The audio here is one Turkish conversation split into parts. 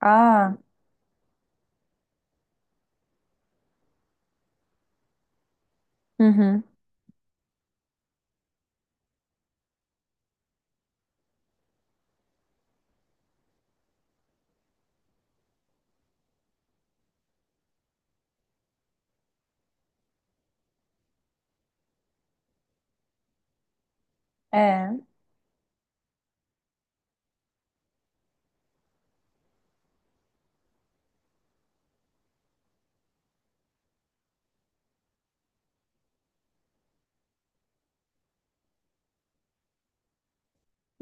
Aa. Hı hı. e.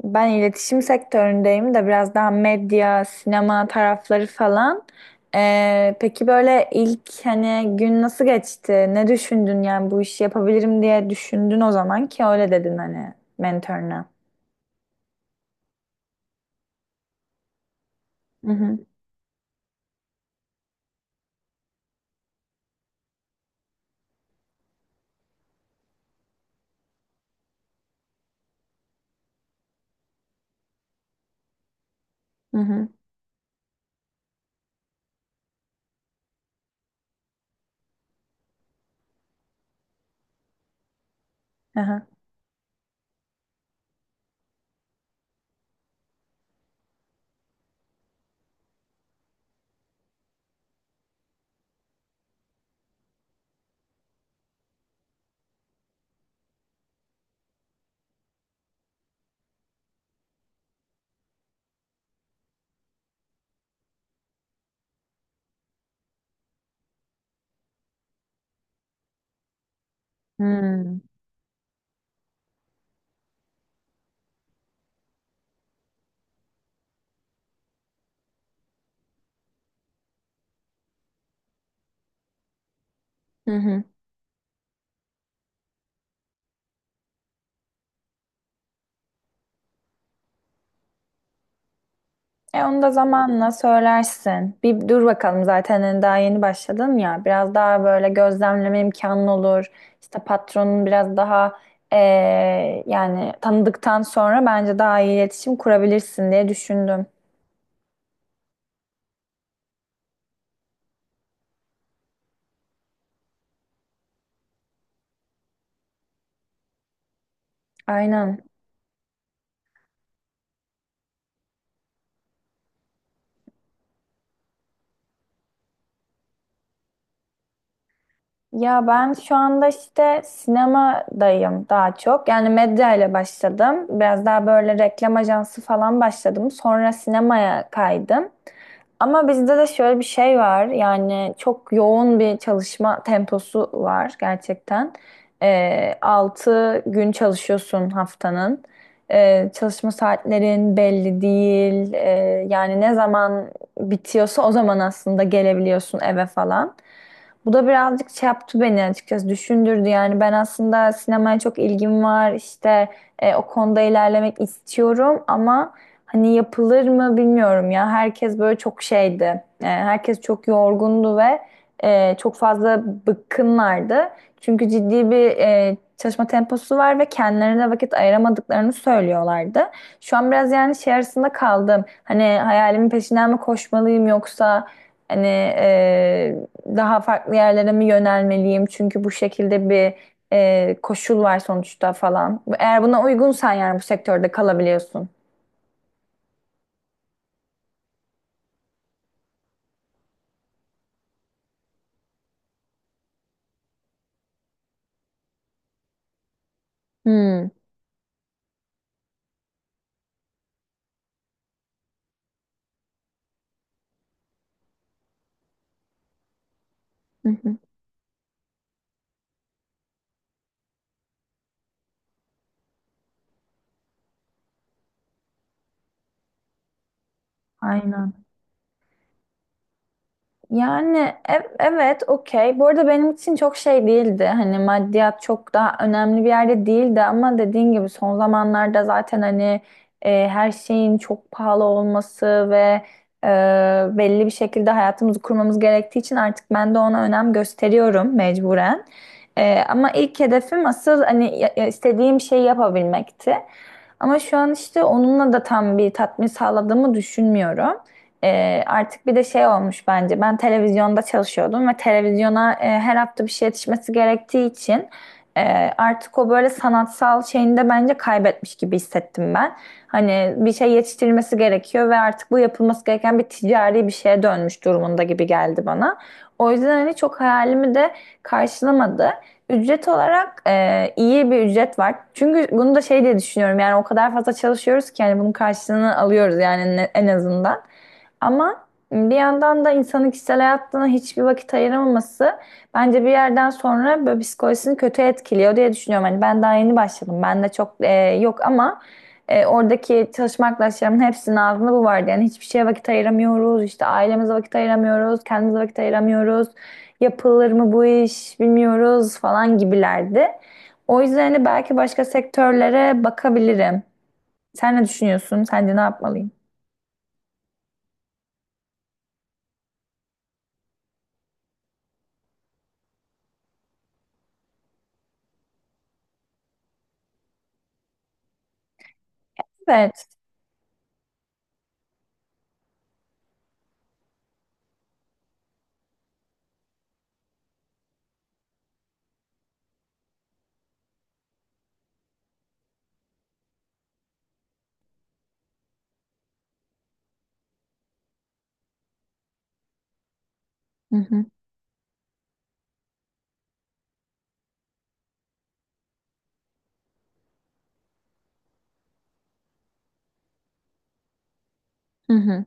Ben iletişim sektöründeyim de biraz daha medya, sinema tarafları falan. Peki böyle ilk hani gün nasıl geçti? Ne düşündün yani bu işi yapabilirim diye düşündün o zaman ki öyle dedin hani mentoruna. Hı hı. Hı hı. Aha. Hmm. Hı hı. E onu da zamanla söylersin. Bir dur bakalım zaten hani daha yeni başladın ya. Biraz daha böyle gözlemleme imkanın olur. İşte patronun biraz daha e, yani tanıdıktan sonra bence daha iyi iletişim kurabilirsin diye düşündüm. Aynen. Ya ben şu anda işte sinemadayım daha çok. Yani medya ile başladım. Biraz daha böyle reklam ajansı falan başladım. Sonra sinemaya kaydım. Ama bizde de şöyle bir şey var. Yani çok yoğun bir çalışma temposu var gerçekten. 6 gün çalışıyorsun haftanın. Çalışma saatlerin belli değil. Yani ne zaman bitiyorsa o zaman aslında gelebiliyorsun eve falan. Bu da birazcık şey yaptı beni, açıkçası düşündürdü, yani ben aslında sinemaya çok ilgim var, işte o konuda ilerlemek istiyorum ama hani yapılır mı bilmiyorum ya, herkes böyle çok şeydi. E, herkes çok yorgundu ve çok fazla bıkkınlardı çünkü ciddi bir çalışma temposu var ve kendilerine vakit ayıramadıklarını söylüyorlardı. Şu an biraz yani şey arasında kaldım, hani hayalimin peşinden mi koşmalıyım yoksa hani e, daha farklı yerlere mi yönelmeliyim? Çünkü bu şekilde bir koşul var sonuçta falan. Eğer buna uygunsan yani bu sektörde kalabiliyorsun. Hmm. Hı hı. Aynen. Yani evet, okey. Bu arada benim için çok şey değildi. Hani maddiyat çok daha önemli bir yerde değildi ama dediğin gibi son zamanlarda zaten hani her şeyin çok pahalı olması ve e, belli bir şekilde hayatımızı kurmamız gerektiği için artık ben de ona önem gösteriyorum mecburen. E, ama ilk hedefim asıl hani ya istediğim şeyi yapabilmekti. Ama şu an işte onunla da tam bir tatmin sağladığımı düşünmüyorum. Artık bir de şey olmuş bence. Ben televizyonda çalışıyordum ve televizyona her hafta bir şey yetişmesi gerektiği için artık o böyle sanatsal şeyini de bence kaybetmiş gibi hissettim ben. Hani bir şey yetiştirilmesi gerekiyor ve artık bu yapılması gereken bir ticari bir şeye dönmüş durumunda gibi geldi bana. O yüzden hani çok hayalimi de karşılamadı. Ücret olarak iyi bir ücret var. Çünkü bunu da şey diye düşünüyorum. Yani o kadar fazla çalışıyoruz ki hani bunun karşılığını alıyoruz yani, en azından. Ama bir yandan da insanın kişisel hayatına hiçbir vakit ayıramaması bence bir yerden sonra böyle psikolojisini kötü etkiliyor diye düşünüyorum. Hani ben daha yeni başladım. Ben de çok yok ama oradaki çalışma arkadaşlarımın hepsinin ağzında bu vardı. Yani hiçbir şeye vakit ayıramıyoruz. İşte ailemize vakit ayıramıyoruz. Kendimize vakit ayıramıyoruz. Yapılır mı bu iş bilmiyoruz falan gibilerdi. O yüzden hani belki başka sektörlere bakabilirim. Sen ne düşünüyorsun? Sence ne yapmalıyım? Evet. Hı hı. Hı hı.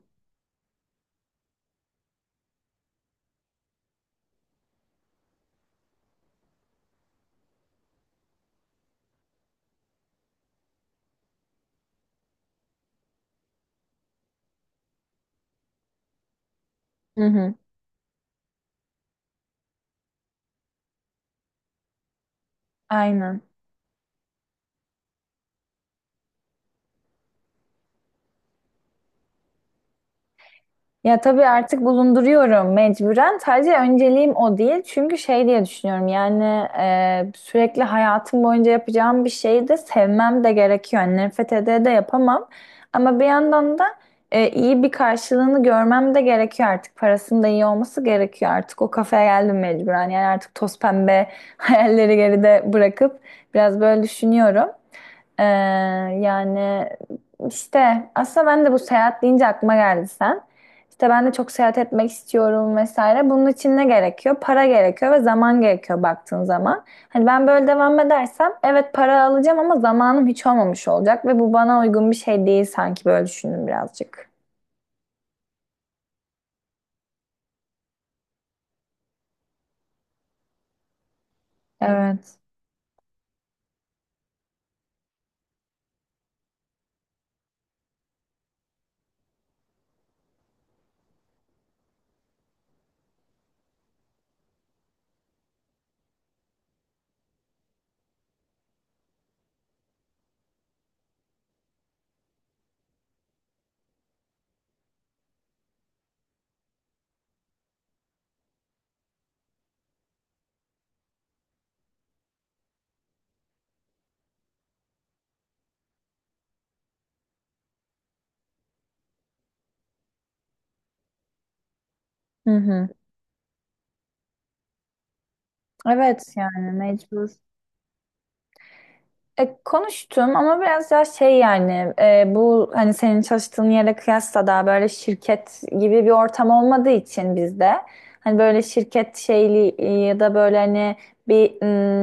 Hı hı. Aynen. Ya tabii artık bulunduruyorum mecburen. Sadece önceliğim o değil. Çünkü şey diye düşünüyorum yani sürekli hayatım boyunca yapacağım bir şeyi de sevmem de gerekiyor. Yani nefret ede de yapamam. Ama bir yandan da iyi bir karşılığını görmem de gerekiyor artık. Parasının da iyi olması gerekiyor artık. O kafaya geldim mecburen. Yani artık toz pembe hayalleri geride bırakıp biraz böyle düşünüyorum. E, Yani işte aslında ben de bu seyahat deyince aklıma geldi sen. İşte ben de çok seyahat etmek istiyorum vesaire. Bunun için ne gerekiyor? Para gerekiyor ve zaman gerekiyor baktığın zaman. Hani ben böyle devam edersem evet para alacağım ama zamanım hiç olmamış olacak ve bu bana uygun bir şey değil sanki, böyle düşündüm birazcık. Evet. Hı hı. Evet yani mecbur. E, konuştum ama biraz daha şey yani, bu hani senin çalıştığın yere kıyasla daha böyle şirket gibi bir ortam olmadığı için bizde hani böyle şirket şeyli, ya da böyle hani bir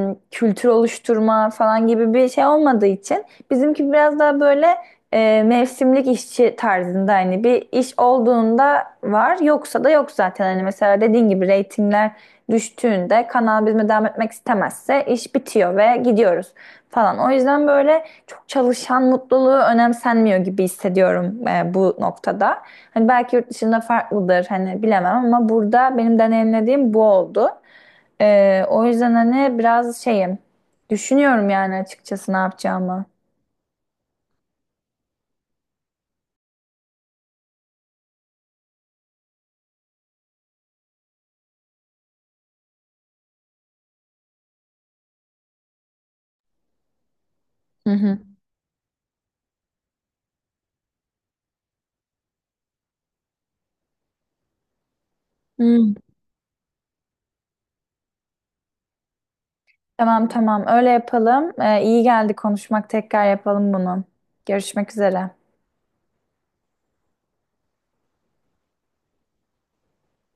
kültür oluşturma falan gibi bir şey olmadığı için bizimki biraz daha böyle mevsimlik işçi tarzında, hani bir iş olduğunda var yoksa da yok zaten, hani mesela dediğin gibi reytingler düştüğünde kanal bizimle devam etmek istemezse iş bitiyor ve gidiyoruz falan. O yüzden böyle çok çalışan mutluluğu önemsenmiyor gibi hissediyorum bu noktada. Hani belki yurt dışında farklıdır, hani bilemem ama burada benim deneyimlediğim bu oldu. E, o yüzden hani biraz şeyim, düşünüyorum yani açıkçası ne yapacağımı. Hı hı. Hmm. Tamam, tamam, öyle yapalım. E, iyi geldi konuşmak, tekrar yapalım bunu. Görüşmek üzere.